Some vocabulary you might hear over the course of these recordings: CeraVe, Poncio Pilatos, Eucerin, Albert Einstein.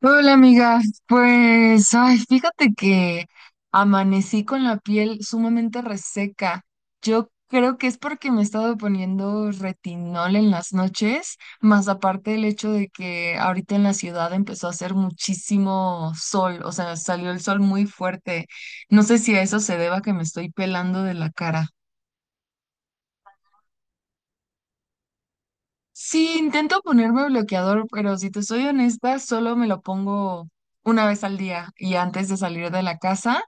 Hola amiga, pues ay, fíjate que amanecí con la piel sumamente reseca. Yo creo que es porque me he estado poniendo retinol en las noches, más aparte el hecho de que ahorita en la ciudad empezó a hacer muchísimo sol, o sea, salió el sol muy fuerte. No sé si a eso se deba que me estoy pelando de la cara. Sí, intento ponerme bloqueador, pero si te soy honesta, solo me lo pongo una vez al día y antes de salir de la casa.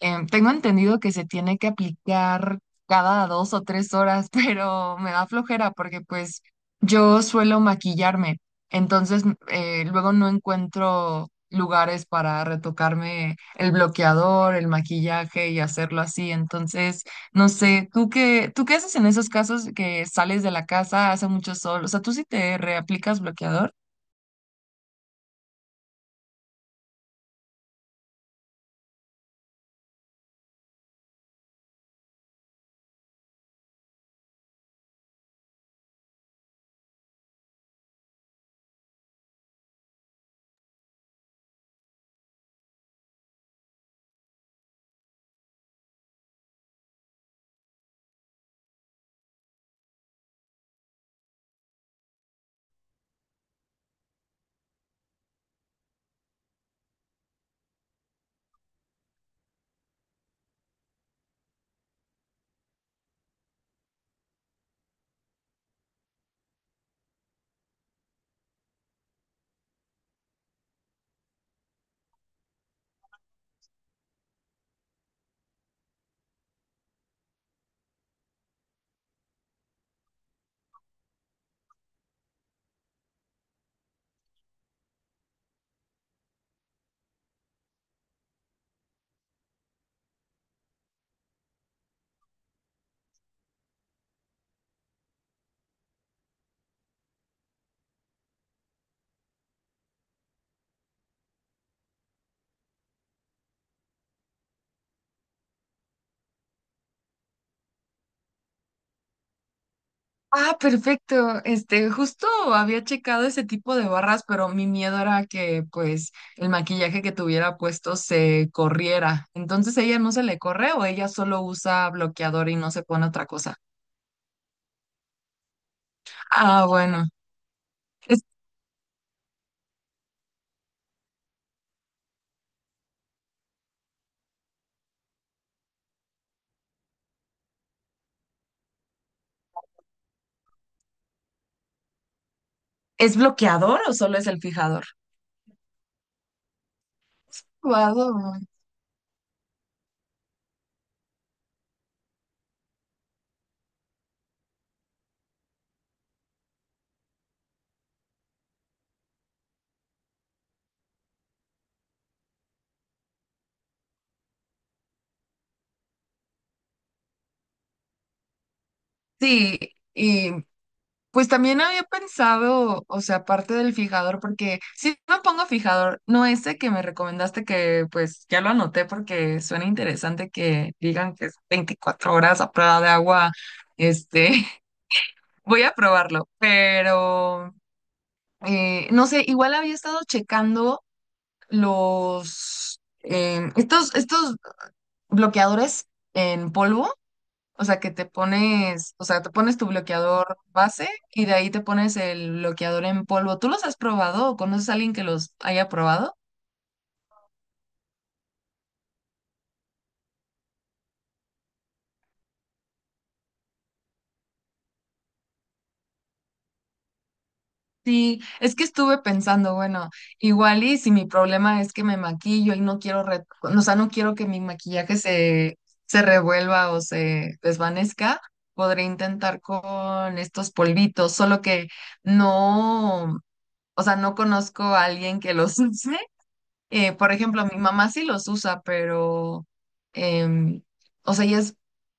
Tengo entendido que se tiene que aplicar cada dos o tres horas, pero me da flojera porque pues yo suelo maquillarme, entonces luego no encuentro lugares para retocarme el bloqueador, el maquillaje y hacerlo así. Entonces, no sé, tú qué haces en esos casos que sales de la casa, hace mucho sol? O sea, ¿tú sí te reaplicas bloqueador? Ah, perfecto. Este, justo había checado ese tipo de barras, pero mi miedo era que, pues, el maquillaje que tuviera puesto se corriera. Entonces, ¿ella no se le corre o ella solo usa bloqueador y no se pone otra cosa? Ah, bueno. ¿Es, es bloqueador o solo es el fijador? Guau. Sí, y pues también había pensado, o sea, aparte del fijador, porque si no pongo fijador, no ese que me recomendaste que pues ya lo anoté porque suena interesante que digan que es 24 horas a prueba de agua, este, voy a probarlo, pero no sé, igual había estado checando estos bloqueadores en polvo, o sea, que te pones, o sea, te pones tu bloqueador base y de ahí te pones el bloqueador en polvo. ¿Tú los has probado o conoces a alguien que los haya probado? Sí, es que estuve pensando, bueno, igual y si mi problema es que me maquillo y no quiero, o sea, no quiero que mi se revuelva o se desvanezca, podré intentar con estos polvitos, solo que no, o sea, no conozco a alguien que los use. Por ejemplo, mi mamá sí los usa, pero, em, o sea, ella es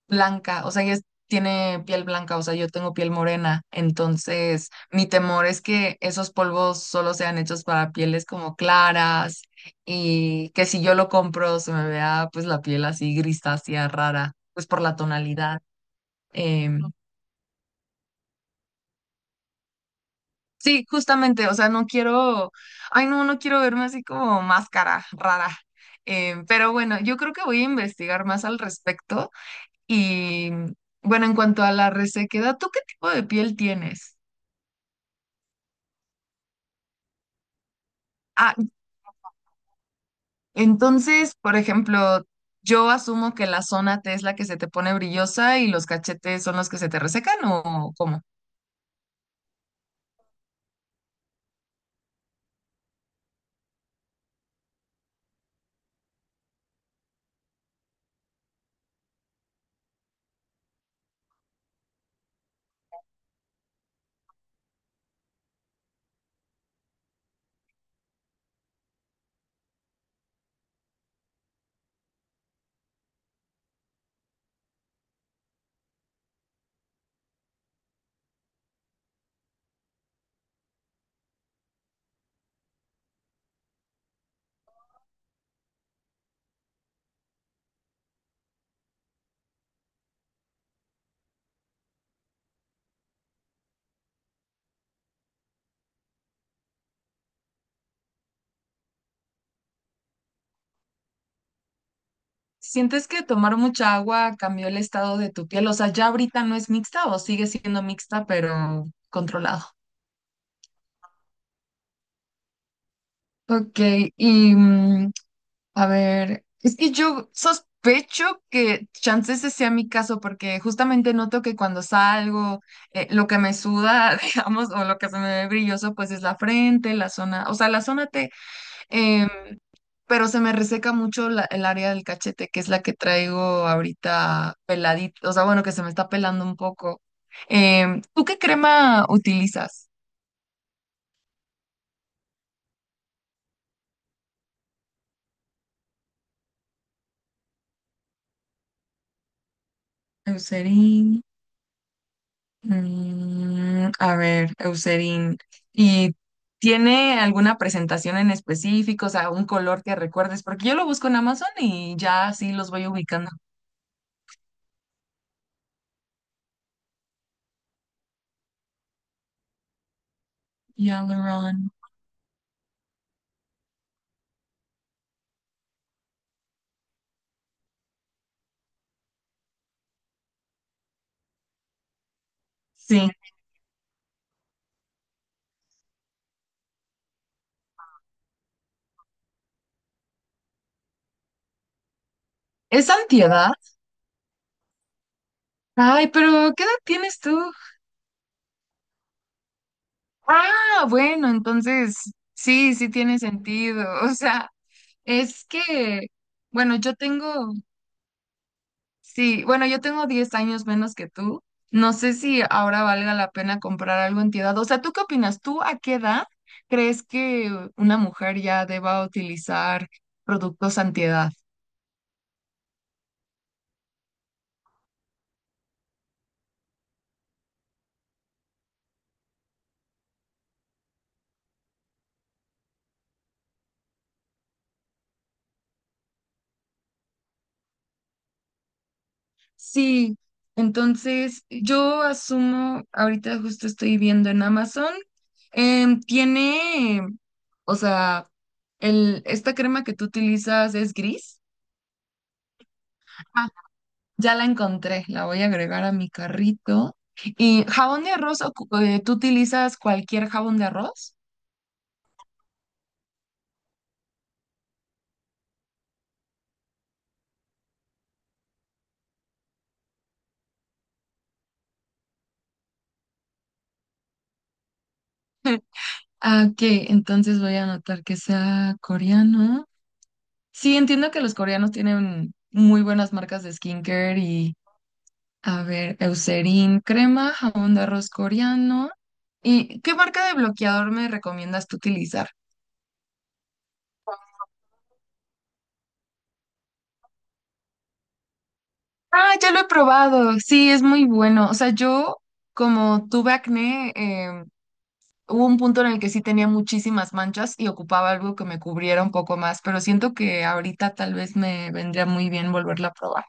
blanca, o sea, tiene piel blanca, o sea, yo tengo piel morena, entonces mi temor es que esos polvos solo sean hechos para pieles como claras y que si yo lo compro se me vea pues la piel así grisácea, rara, pues por la tonalidad. Em, Sí, justamente, o sea, no quiero, ay no, no quiero verme así como máscara rara. Pero bueno, yo creo que voy a investigar más al respecto y bueno, en cuanto a la resequedad, ¿tú qué tipo de piel tienes? Ah, entonces, por ejemplo, yo asumo que la zona T es la que se te pone brillosa y los cachetes son los que se te resecan, ¿o cómo? ¿Sientes que tomar mucha agua cambió el estado de tu piel? O sea, ya ahorita no es mixta o sigue siendo mixta, pero controlado. Ok, y mm, a ver, es que yo sospecho que chance ese sea mi caso, porque justamente noto que cuando salgo, lo que me suda, digamos, o lo que se me ve brilloso, pues es la frente, la zona, o sea, la zona T, em, pero se me reseca mucho el área del cachete, que es la que traigo ahorita peladito, o sea, bueno, que se me está pelando un poco. ¿Tú qué crema utilizas? Eucerin. Mm, a ver, Eucerin, ¿y tiene alguna presentación en específico, o sea, un color que recuerdes? Porque yo lo busco en Amazon y ya así los voy ubicando. Hyaluron. Sí, es antiedad. Ay, pero ¿qué edad tienes tú? Ah, bueno, entonces sí, sí tiene sentido. O sea, es que, bueno, yo tengo sí, bueno, yo tengo 10 años menos que tú. No sé si ahora valga la pena comprar algo en tu edad. O sea, ¿tú qué opinas? ¿Tú a qué edad crees que una mujer ya deba utilizar productos antiedad? Sí, entonces yo asumo, ahorita justo estoy viendo en Amazon, tiene, o sea, el, esta crema que tú utilizas es gris. Ya la encontré, la voy a agregar a mi carrito. ¿Y jabón de arroz? ¿Tú utilizas cualquier jabón de arroz? Ah, ok, entonces voy a anotar que sea coreano. Sí, entiendo que los coreanos tienen muy buenas marcas de skincare y, a ver, Eucerin crema, jabón de arroz coreano. ¿Y qué marca de bloqueador me recomiendas tú utilizar? Ah, ya lo he probado, sí, es muy bueno. O sea, yo como tuve acné, hubo un punto en el que sí tenía muchísimas manchas y ocupaba algo que me cubriera un poco más, pero siento que ahorita tal vez me vendría muy bien volverla a probar.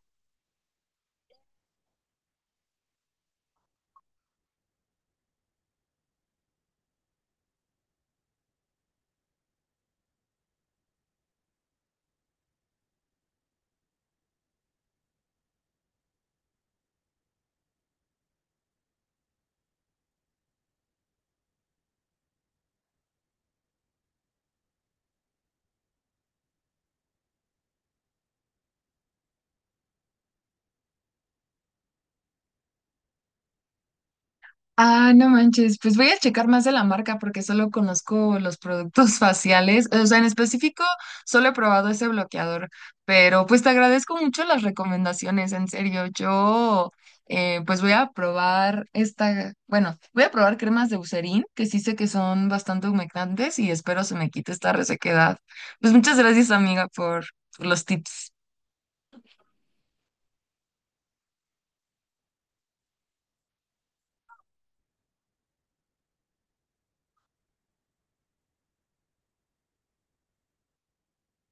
Ah, no manches, pues voy a checar más de la marca porque solo conozco los productos faciales, o sea, en específico solo he probado ese bloqueador, pero pues te agradezco mucho las recomendaciones, en serio, yo pues voy a probar esta, bueno, voy a probar cremas de Eucerin, que sí sé que son bastante humectantes y espero se me quite esta resequedad. Pues muchas gracias, amiga, por los tips.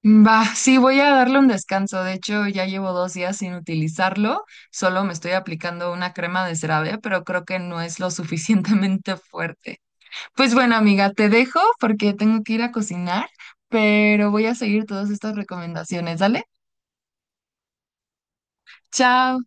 Va, sí, voy a darle un descanso. De hecho, ya llevo 2 días sin utilizarlo. Solo me estoy aplicando una crema de CeraVe, pero creo que no es lo suficientemente fuerte. Pues bueno, amiga, te dejo porque tengo que ir a cocinar, pero voy a seguir todas estas recomendaciones. Dale, chao.